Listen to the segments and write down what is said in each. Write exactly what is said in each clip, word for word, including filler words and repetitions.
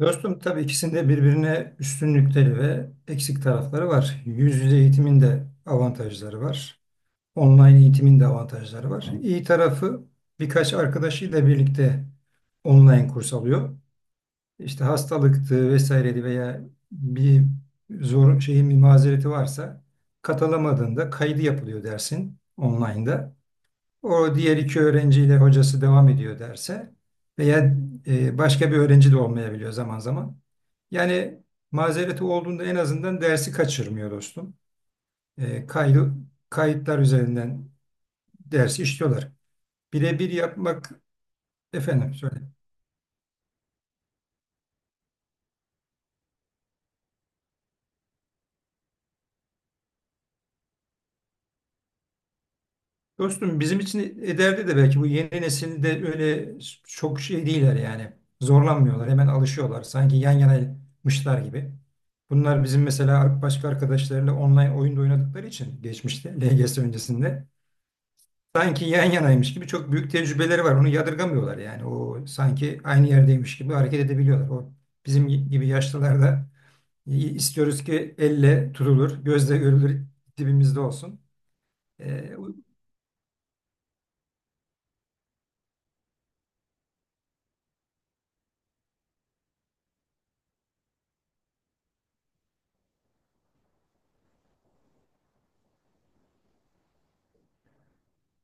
Dostum tabii ikisinde birbirine üstünlükleri ve eksik tarafları var. Yüz yüze eğitimin de avantajları var. Online eğitimin de avantajları var. İyi tarafı birkaç arkadaşıyla birlikte online kurs alıyor. İşte hastalıktı vesaireydi veya bir zor şeyin bir mazereti varsa katılamadığında kaydı yapılıyor dersin online'da. O diğer iki öğrenciyle hocası devam ediyor derse veya e, başka bir öğrenci de olmayabiliyor zaman zaman. Yani mazereti olduğunda en azından dersi kaçırmıyor dostum. E, kaydı, Kayıtlar üzerinden dersi işliyorlar. Birebir yapmak efendim söyle. Dostum bizim için ileride de belki bu yeni nesilde öyle çok şey değiller yani. Zorlanmıyorlar, hemen alışıyorlar. Sanki yan yanaymışlar gibi. Bunlar bizim mesela başka arkadaşlarıyla online oyunda oynadıkları için geçmişte L G S öncesinde sanki yan yanaymış gibi çok büyük tecrübeleri var. Onu yadırgamıyorlar yani. O sanki aynı yerdeymiş gibi hareket edebiliyorlar. O bizim gibi yaşlılarda istiyoruz ki elle tutulur, gözle görülür dibimizde olsun.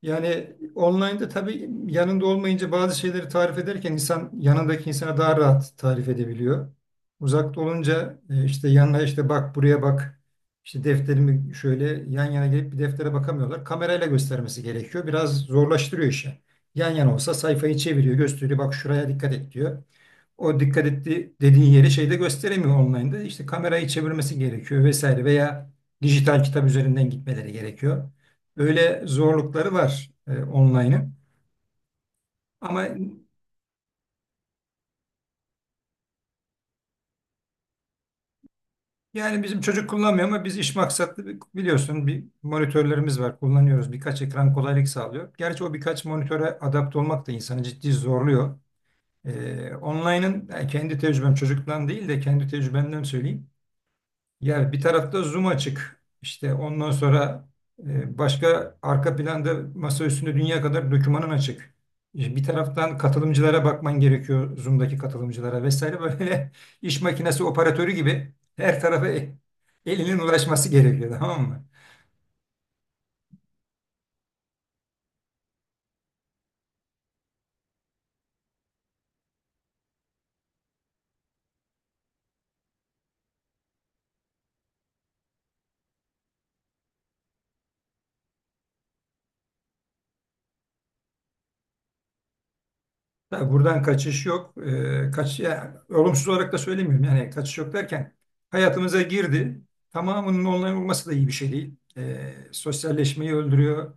Yani online'da tabii yanında olmayınca bazı şeyleri tarif ederken insan yanındaki insana daha rahat tarif edebiliyor. Uzakta olunca e, işte yanına işte bak buraya bak işte defterimi şöyle yan yana gelip bir deftere bakamıyorlar. Kamerayla göstermesi gerekiyor. Biraz zorlaştırıyor işi. Yan yana olsa sayfayı çeviriyor, gösteriyor. Bak şuraya dikkat et diyor. O dikkat etti dediğin yeri şeyde gösteremiyor online'da. İşte kamerayı çevirmesi gerekiyor vesaire veya dijital kitap üzerinden gitmeleri gerekiyor. Öyle zorlukları var e, online'ın. Ama yani bizim çocuk kullanmıyor ama biz iş maksatlı bi- biliyorsun bir monitörlerimiz var kullanıyoruz. Birkaç ekran kolaylık sağlıyor. Gerçi o birkaç monitöre adapte olmak da insanı ciddi zorluyor. E, online'ın yani kendi tecrübem çocuktan değil de kendi tecrübemden söyleyeyim. Yani bir tarafta Zoom açık. İşte ondan sonra e, başka arka planda masa üstünde dünya kadar dokümanın açık. E, Bir taraftan katılımcılara bakman gerekiyor. Zoom'daki katılımcılara vesaire böyle iş makinesi operatörü gibi her tarafa e- elinin ulaşması gerekiyor, tamam mı? Tabii buradan kaçış yok. Ee, kaç, ya, olumsuz olarak da söylemiyorum. Yani kaçış yok derken hayatımıza girdi. Tamamının online olması da iyi bir şey değil. Ee, sosyalleşmeyi öldürüyor.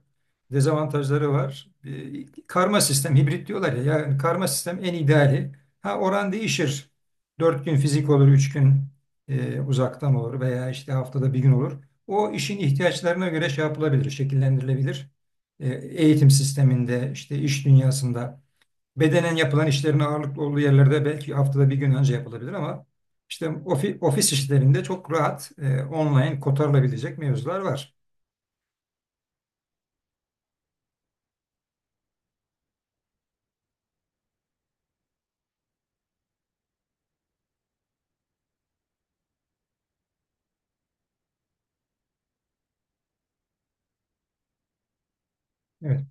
Dezavantajları var. Ee, karma sistem, hibrit diyorlar ya. Yani karma sistem en ideali. Ha oran değişir. Dört gün fizik olur, üç gün e, uzaktan olur veya işte haftada bir gün olur. O işin ihtiyaçlarına göre şey yapılabilir, şekillendirilebilir. E, eğitim sisteminde, işte iş dünyasında bedenen yapılan işlerin ağırlıklı olduğu yerlerde belki haftada bir gün önce yapılabilir ama işte ofi- ofis işlerinde çok rahat e, online kotarılabilecek mevzular var. Evet.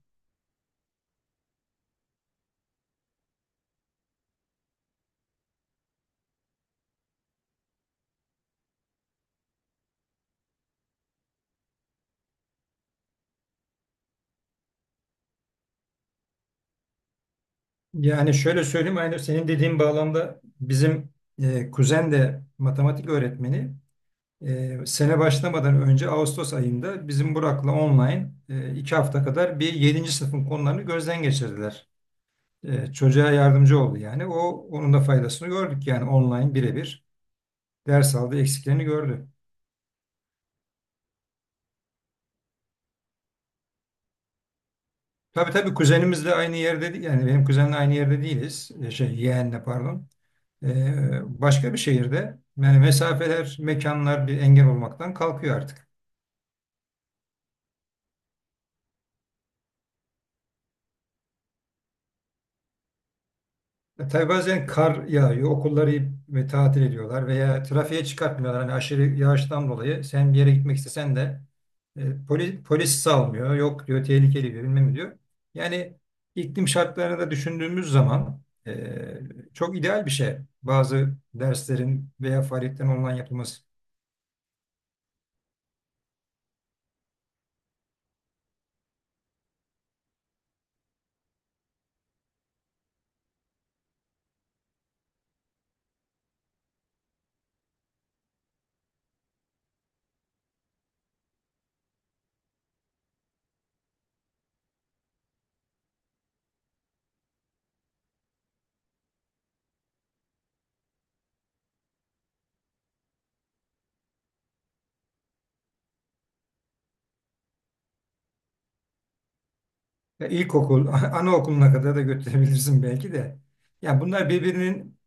Yani şöyle söyleyeyim aynı senin dediğin bağlamda bizim e, kuzen de matematik öğretmeni e, sene başlamadan önce Ağustos ayında bizim Burak'la online e, iki hafta kadar bir yedinci sınıfın konularını gözden geçirdiler. E, çocuğa yardımcı oldu yani. O onun da faydasını gördük yani online birebir ders aldı eksiklerini gördü. Tabii tabii kuzenimiz de aynı yerde değil. Yani benim kuzenle aynı yerde değiliz. E, Şey, yeğenle pardon. E, başka bir şehirde. Yani mesafeler, mekanlar bir engel olmaktan kalkıyor artık. E, Tabii bazen kar yağıyor, okulları ve tatil ediyorlar veya trafiğe çıkartmıyorlar. Hani aşırı yağıştan dolayı sen bir yere gitmek istesen de polis, polis salmıyor. Yok diyor, tehlikeli diyor, bilmem ne diyor. Yani iklim şartlarını da düşündüğümüz zaman e, çok ideal bir şey. Bazı derslerin veya faaliyetlerin online yapılması. Ya ilkokul, anaokuluna kadar da götürebilirsin belki de. Yani bunlar birbirinin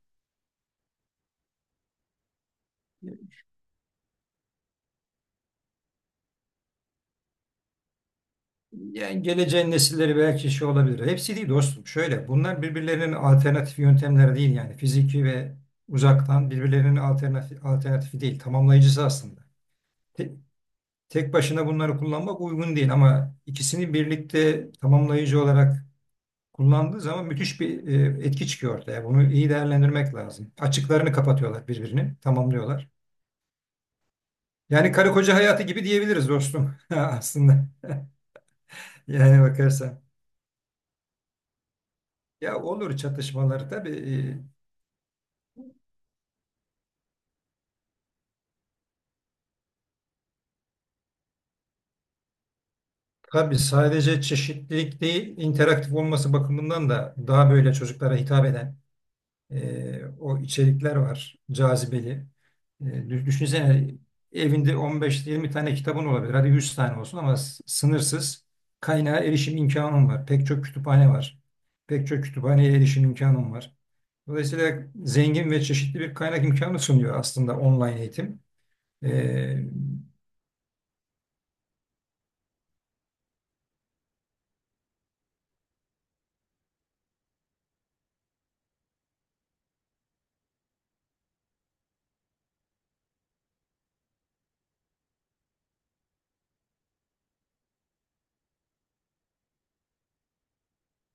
Yani geleceğin nesilleri belki şey olabilir. Hepsi değil dostum. Şöyle bunlar birbirlerinin alternatif yöntemleri değil yani. Fiziki ve uzaktan birbirlerinin alternatif, alternatifi değil. Tamamlayıcısı aslında. Te- Tek başına bunları kullanmak uygun değil ama ikisini birlikte tamamlayıcı olarak kullandığı zaman müthiş bir e, etki çıkıyor ortaya. Bunu iyi değerlendirmek lazım. Açıklarını kapatıyorlar birbirini, tamamlıyorlar. Yani karı koca hayatı gibi diyebiliriz dostum aslında. Yani bakarsan. Ya olur çatışmaları tabii. e, Tabii sadece çeşitlilik değil, interaktif olması bakımından da daha böyle çocuklara hitap eden e, o içerikler var, cazibeli. E, dü- düşünsene evinde on beş, yirmi tane kitabın olabilir, hadi yüz tane olsun ama s- sınırsız kaynağa erişim imkanın var. Pek çok kütüphane var, pek çok kütüphaneye erişim imkanın var. Dolayısıyla zengin ve çeşitli bir kaynak imkanı sunuyor aslında online eğitim. E,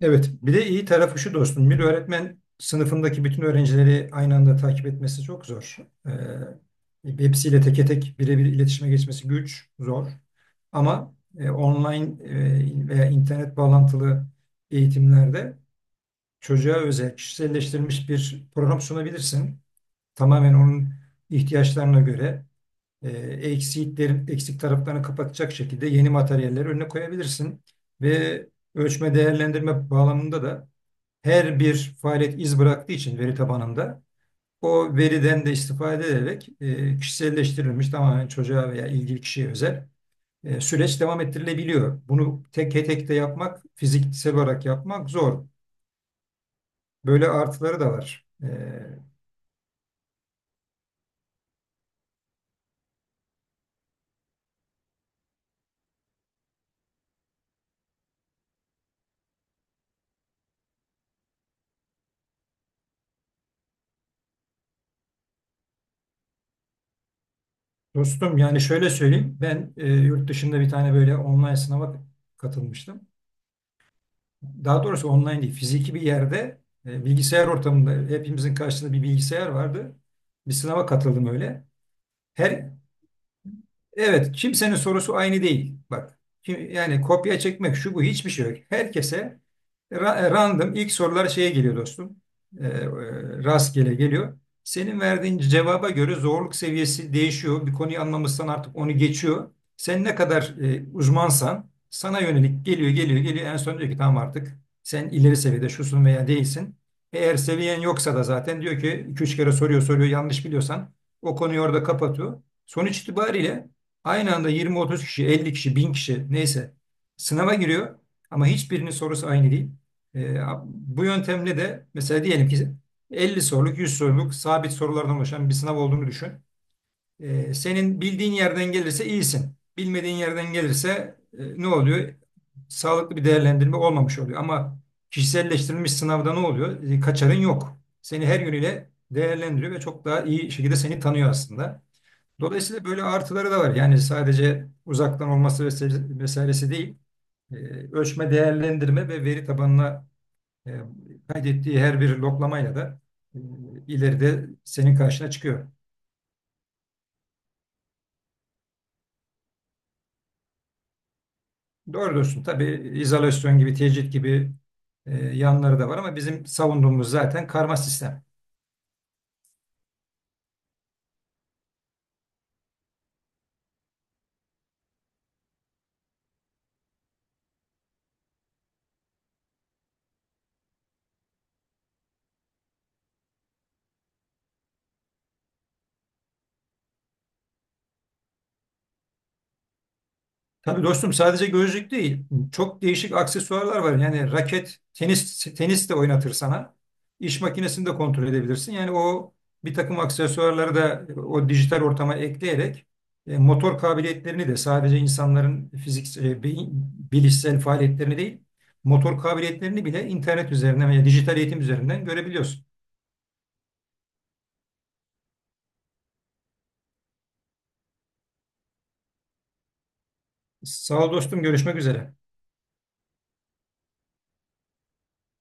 Evet, bir de iyi tarafı şu dostum. Bir öğretmen sınıfındaki bütün öğrencileri aynı anda takip etmesi çok zor. Ee, hepsiyle teke tek birebir iletişime geçmesi güç, zor. Ama e, online e, veya internet bağlantılı eğitimlerde çocuğa özel, kişiselleştirilmiş bir program sunabilirsin. Tamamen onun ihtiyaçlarına göre e, eksiklerin, eksik taraflarını kapatacak şekilde yeni materyalleri önüne koyabilirsin. Ve ölçme değerlendirme bağlamında da her bir faaliyet iz bıraktığı için veri tabanında o veriden de istifade ederek e, kişiselleştirilmiş tamamen çocuğa veya ilgili kişiye özel e, süreç devam ettirilebiliyor. Bunu tek tek de yapmak, fiziksel olarak yapmak zor. Böyle artıları da var. E, dostum yani şöyle söyleyeyim. Ben e, yurt dışında bir tane böyle online sınava katılmıştım. Daha doğrusu online değil, fiziki bir yerde e, bilgisayar ortamında hepimizin karşısında bir bilgisayar vardı. Bir sınava katıldım öyle. Her Evet, kimsenin sorusu aynı değil. Bak, kim- yani kopya çekmek şu bu hiçbir şey yok. Herkese ra- e, random ilk sorular şeye geliyor dostum. Ee, e, Rastgele geliyor. Senin verdiğin cevaba göre zorluk seviyesi değişiyor. Bir konuyu anlamışsan artık onu geçiyor. Sen ne kadar e, uzmansan sana yönelik geliyor, geliyor, geliyor. En son diyor ki tamam artık sen ileri seviyede şusun veya değilsin. Eğer seviyen yoksa da zaten diyor ki iki üç kere soruyor soruyor yanlış biliyorsan o konuyu orada kapatıyor. Sonuç itibariyle aynı anda yirmi otuz kişi, elli kişi, bin kişi neyse sınava giriyor ama hiçbirinin sorusu aynı değil. Ee, Bu yöntemle de mesela diyelim ki elli soruluk, yüz soruluk sabit sorulardan oluşan bir sınav olduğunu düşün. Ee, senin bildiğin yerden gelirse iyisin. Bilmediğin yerden gelirse e, ne oluyor? Sağlıklı bir değerlendirme olmamış oluyor. Ama kişiselleştirilmiş sınavda ne oluyor? E, Kaçarın yok. Seni her yönüyle değerlendiriyor ve çok daha iyi şekilde seni tanıyor aslında. Dolayısıyla böyle artıları da var. Yani sadece uzaktan olması vesaire- vesairesi değil. E, Ölçme, değerlendirme ve veri tabanına e, kaydettiği her bir loklamayla da e, ileride senin karşına çıkıyor. Doğru diyorsun. Tabii izolasyon gibi, tecrit gibi e, yanları da var ama bizim savunduğumuz zaten karma sistem. Tabii dostum sadece gözlük değil. Çok değişik aksesuarlar var. Yani raket, tenis, tenis de oynatır sana. İş makinesini de kontrol edebilirsin. Yani o bir takım aksesuarları da o dijital ortama ekleyerek e, motor kabiliyetlerini de sadece insanların fizik, e, beyin- bilişsel faaliyetlerini değil, motor kabiliyetlerini bile internet üzerinden veya dijital eğitim üzerinden görebiliyorsun. Sağ ol dostum, görüşmek üzere.